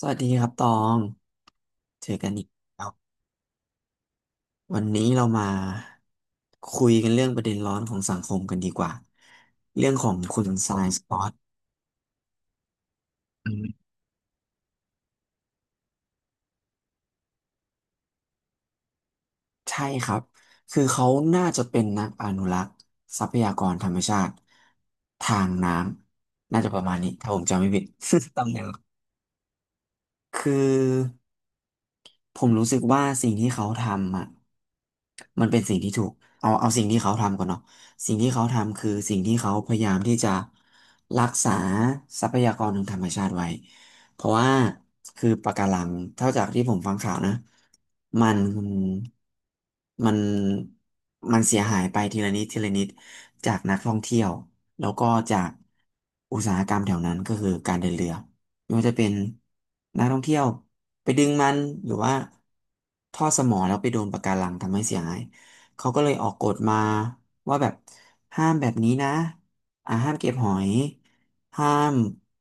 สวัสดีครับตองเจอกันอีกแล้ววันนี้เรามาคุยกันเรื่องประเด็นร้อนของสังคมกันดีกว่าเรื่องของคุณทรายสปอตใช่ครับคือเขาน่าจะเป็นนักอนุรักษ์ทรัพยากรธรรมชาติทางน้ำน่าจะประมาณนี้ถ้าผมจำไม่ผิด ตำแหน่งคือ ผมรู้สึกว่าสิ่งที่เขาทำอ่ะมันเป็นสิ่งที่ถูกเอาสิ่งที่เขาทำก่อนเนาะสิ่งที่เขาทำคือสิ่งที่เขาพยายามที่จะรักษาทรัพยากรทางธรรมชาติไว้เพราะว่าคือปะการังเท่าจากที่ผมฟังข่าวนะมันมันมันเสียหายไปทีละนิดทีละนิดจากนักท่องเที่ยวแล้วก็จากอุตสาหกรรมแถวนั้นก็คือการเดินเรือ ไม่ว่าจะเป็นนักท่องเที่ยวไปดึงมันหรือว่าท่อสมอแล้วไปโดนปะการังทำให้เสียหายเขาก็เลยออกกฎมาว่าแบบห้ามแบบนี้นะห้ามเก็บหอย ห้าม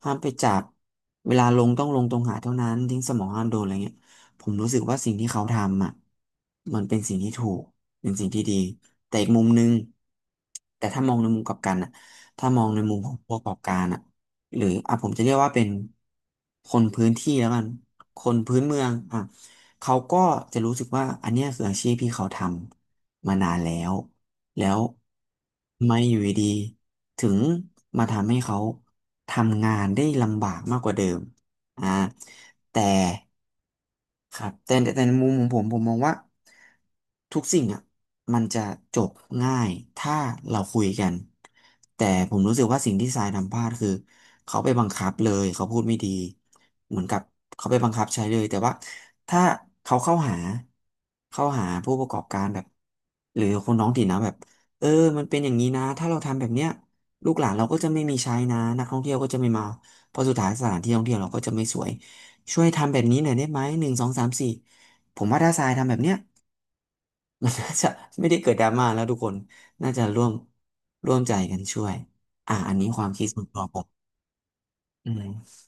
ห้ามไปจับเวลาลงต้องลงตรงหาดเท่านั้นทิ้งสมอห้ามโดนอะไรเงี้ยผมรู้สึกว่าสิ่งที่เขาทำอ่ะมันเป็นสิ่งที่ถูกเป็นสิ่งที่ดี แต่อีกมุมนึงแต่ถ้ามองในมุมกลับกันอ่ะถ้ามองในมุมของผู้ประกอบการอ่ะ หรืออ่ะผมจะเรียกว่าเป็นคนพื้นที่แล้วกันคนพื้นเมืองอ่ะเขาก็จะรู้สึกว่าอันเนี้ยคืออาชีพที่เขาทำมานานแล้วแล้วไม่อยู่ดีๆถึงมาทำให้เขาทำงานได้ลำบากมากกว่าเดิมอ่าแต่ ครับแต่ในมุมของผมผมมองว่าทุกสิ่งอ่ะมันจะจบง่ายถ้าเราคุยกันแต่ผมรู้สึกว่าสิ่งที่ทรายทำพลาดคือเขาไปบังคับเลยเขาพูดไม่ดีเหมือนกับเขาไปบังคับใช้เลยแต่ว่าถ้าเขาเข้าหาผู้ประกอบการแบบหรือคนท้องถิ่นนะแบบเออมันเป็นอย่างนี้นะถ้าเราทำแบบเนี้ยลูกหลานเราก็จะไม่มีใช้นะนักท่องเที่ยวก็จะไม่มาเพราะสุดท้ายสถานที่ท่องเที่ยวเราก็จะไม่สวย ช่วยทำแบบนี้หน่อยได้ไหมหนึ่งสองสามสี่ผมว่าถ้าทรายทำแบบเนี้ย มันน่าจะไม่ได้เกิดดราม่าแล้วทุกคนน่าจะร่วมใจกันช่วยอันนี้ความคิดส่วนตัวผมอืม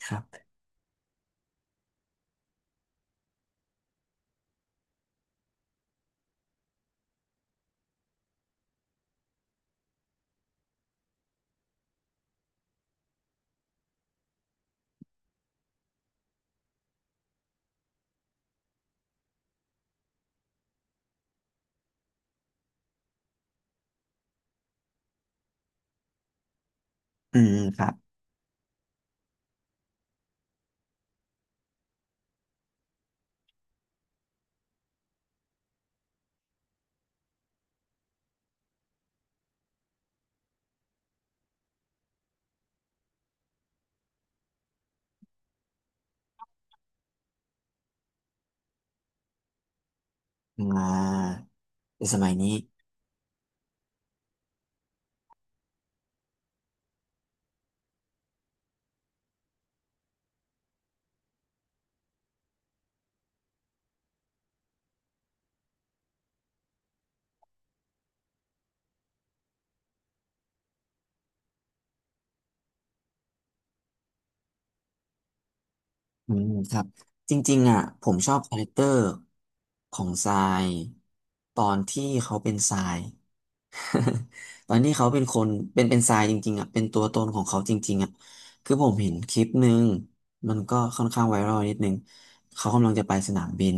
ครับอืมครับอ่าในสมัยนี้ อืมครับจริงๆอ่ะผมชอบคาแรคเตอร์ของทรายตอนที่เขาเป็นทราย ตอนที่เขาเป็นคนเป็นทรายจริงๆอ่ะเป็นตัวตนของเขาจริงๆอ่ะคือผมเห็นคลิปหนึ่งมันก็ค่อนข้างไวรัลนิดนึงเขากำลังจะไปสนามบิน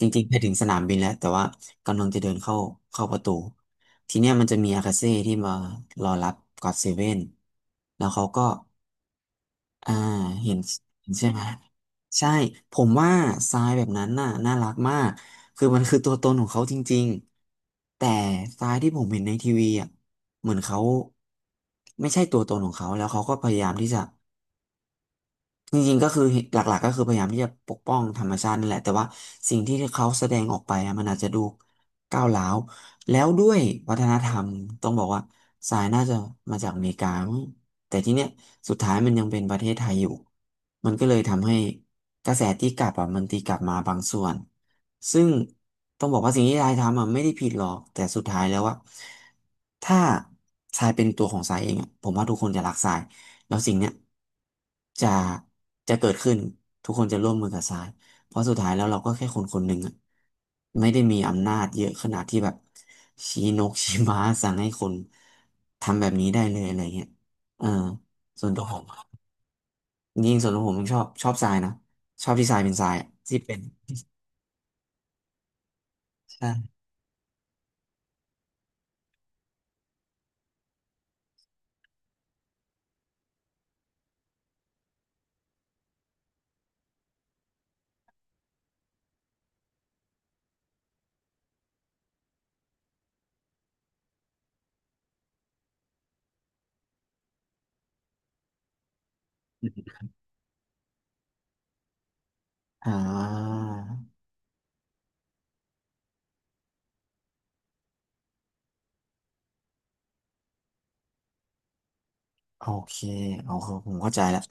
จริงๆไปถึงสนามบินแล้วแต่ว่ากำลังจะเดินเข้าประตูทีเนี้ยมันจะมีอากาเซ่ที่มารอรับก็อดเซเว่นแล้วเขาก็ อ่าเห็นเห็นใช่ไหมใช่ผมว่าทรายแบบนั้นน่ะน่ารักมากคือมันคือตัวตนของเขาจริงๆแต่ทรายที่ผมเห็นในทีวีอ่ะเหมือนเขาไม่ใช่ตัวตนของเขาแล้วเขาก็พยายามที่จะ จริงๆก็คือหลักๆก็คือพยายามที่จะปกป้องธรรมชาตินั่นแหละแต่ว่าสิ่งที่เขาแสดงออกไปอะมันอาจจะดูก้าวร้าวแล้วด้วยวัฒนธรรมต้องบอกว่าสายน่าจะมาจากอเมริกามั้งแต่ที่เนี้ยสุดท้ายมันยังเป็นประเทศไทยอยู่มันก็เลยทำให้กระแสตีกลับอ่ะมันตีกลับมาบางส่วนซึ่งต้องบอกว่าสิ่งที่ทายทำอ่ะไม่ได้ผิดหรอกแต่สุดท้ายแล้วว่าถ้าทรายเป็นตัวของทรายเองอะผมว่าทุกคนจะรักทราย แล้วสิ่งเนี้ยจะจะเกิดขึ้นทุกคนจะร่วมมือกับทรายเพราะสุดท้ายแล้วเราก็แค่คนคนหนึ่งอะไม่ได้มีอำนาจเยอะขนาดที่แบบชี้นก ชี้ม้าสั่งให้คนทำแบบนี้ได้เลยอะไรเงี้ยเออส่วนตัวผมยิ่งส่วนตัวผมยังชอบทรายนะชอบที่ทรายเป็นทรายอะที่เป็นใช่อ่าโอเคโอเคผมเข้าใจแล้ว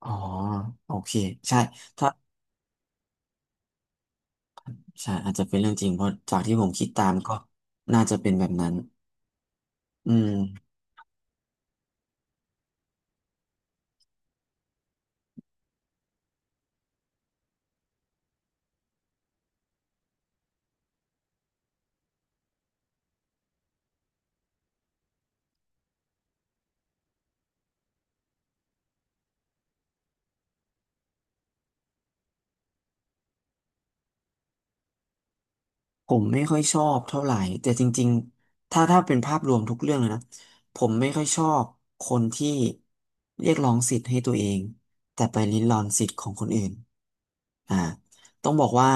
อ๋อโอเคใช่ถ้า ใช่อาจจะเป็นเรื่องจริงเพราะจากที่ผมคิดตามก็น่าจะเป็นแบบนั้นอืมผมไม่ค่อยชอบเท่าไหร่แต่จริงๆถ้าถ้าเป็นภาพรวมทุกเรื่องเลยนะผมไม่ค่อยชอบคนที่เรียกร้องสิทธิ์ให้ตัวเองแต่ไปริดรอนสิทธิ์ของคนอื่นอ่าต้องบอกว่า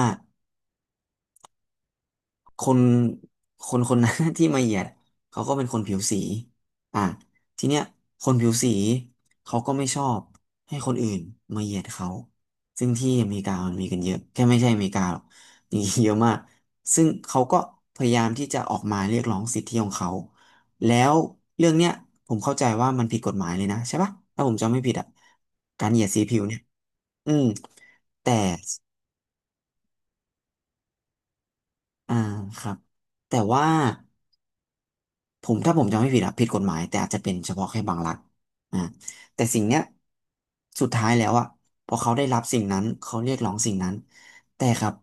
คนคน นั้น ที่มาเหยียดเขาก็เป็นคนผิวสีอ่ะทีเนี้ยคนผิวสีเขาก็ไม่ชอบให้คนอื่นมาเหยียดเขาซึ่งที่อเมริกามันมีกันเยอะแค่ไม่ใช่อเมริกาหรอกมีเยอะมากซึ่งเขาก็พยายามที่จะออกมาเรียกร้องสิทธิของเขาแล้วเรื่องเนี้ยผมเข้าใจว่ามันผิดกฎหมายเลยนะใช่ปะถ้าผมจำไม่ผิดอ่ะการเหยียดสีผิวเนี่ยอืมแต่อ่าครับแต่ว่า ผมถ้าผมจำไม่ผิดอะผิดกฎหมายแต่อาจจะเป็นเฉพาะแค่บางรัฐอ่าแต่สิ่งเนี้ยสุดท้ายแล้วอะพอเขาได้รับสิ่งนั้นเขาเรียกร้องสิ่งนั้นแต่ครับ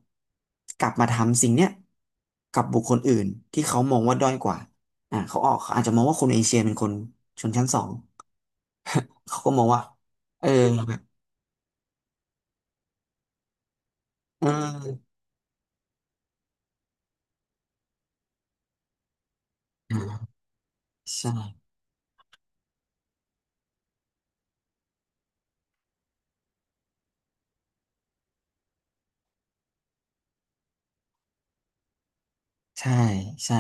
กลับมาทำสิ่งเนี้ยกับบุคคลอื่นที่เขามองว่าด้อยกว่าเขาอาจจะมองว่าคนเอเชียเป็นคนชนชั้นสองเขาก็มองว่าเออแบบเอออ่าใช่ใช่ใช่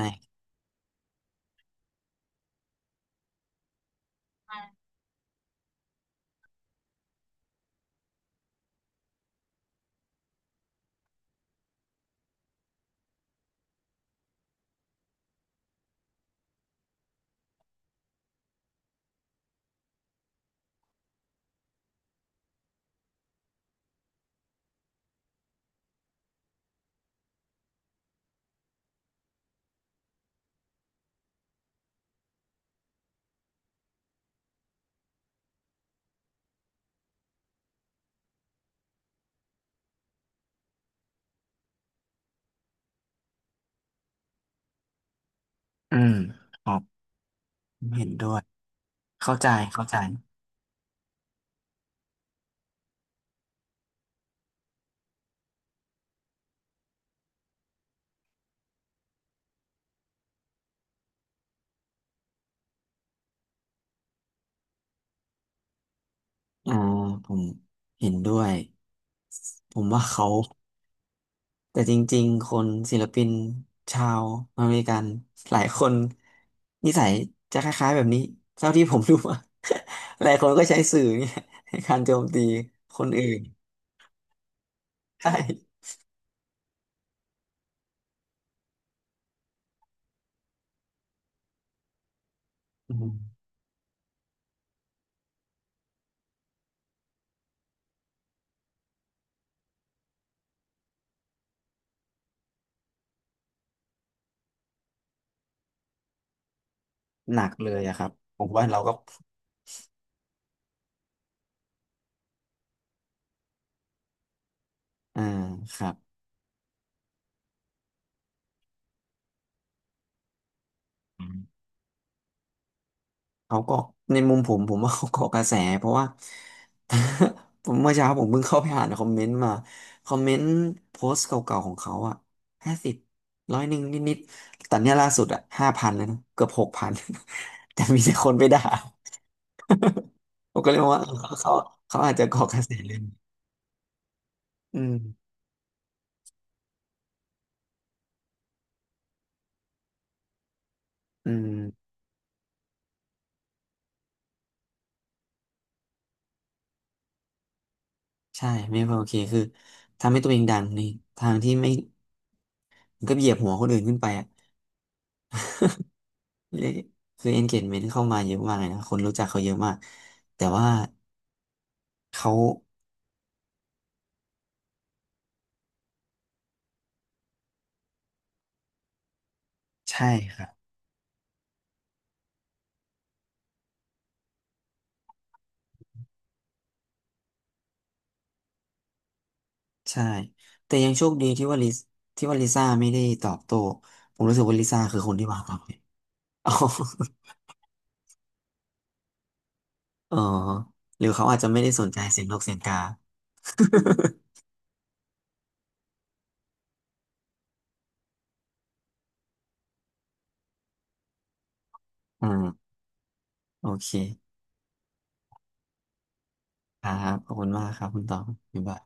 อืมครับเห็นด้วยเข้าใจเข้าใจอ่าผมเห็นด้วยผมว่าเขา แต่จริงๆ คนศิลปินชาวอเมริกันหลายคนนิสัยจะคล้ายๆแบบนี้เท่าที่ผมรู้มา หลายคนก็ใช้สื่อเนี่ยในการโจมตีคนอื่น ใช่อืมหนักเลยอะครับผมว่าเราก็อ่าครับ เขาเกาะในมุมผมว่าเขาเกาะกระแสเพราะว่า ผมเมื่อเช้าผมเพิ่งเข้าไปอ่านคอมเมนต์มาคอมเมนต์โพสต์เก่าๆของเขาอ่ะ50100นิดๆแต่เนี้ยล่าสุดอ่ะ5,000แล้วนะเกือบ6,000 แต่มีแต่คนไปด่าผมก็เลยมองว่าเออเขาอาจจะเกาะกระแสเลยอืมอืมใช่ไม่พอโอเคคือทำให้ตัวเองดังในทางที่ไม่มันก็เหยียบหัวคนอื่นขึ้นไปอะ เละคือ engagement เข้ามาเยอะมากเลยนะคนรู้จักเขาเยอะมากแต่ว่าเขาใช่ครับใช่แต่ยังโชคดีที่ว่าลิซ่าไม่ได้ตอบโต้ผมรู้สึกว่าลิซ่าคือคนที่วางความิด อ๋อออหรือเขาอาจจะไม่ได้สนใจเสียงนกเสียงกา อืมโอเคครับขอบคุณมากครับคุณตองบ๊ายบาย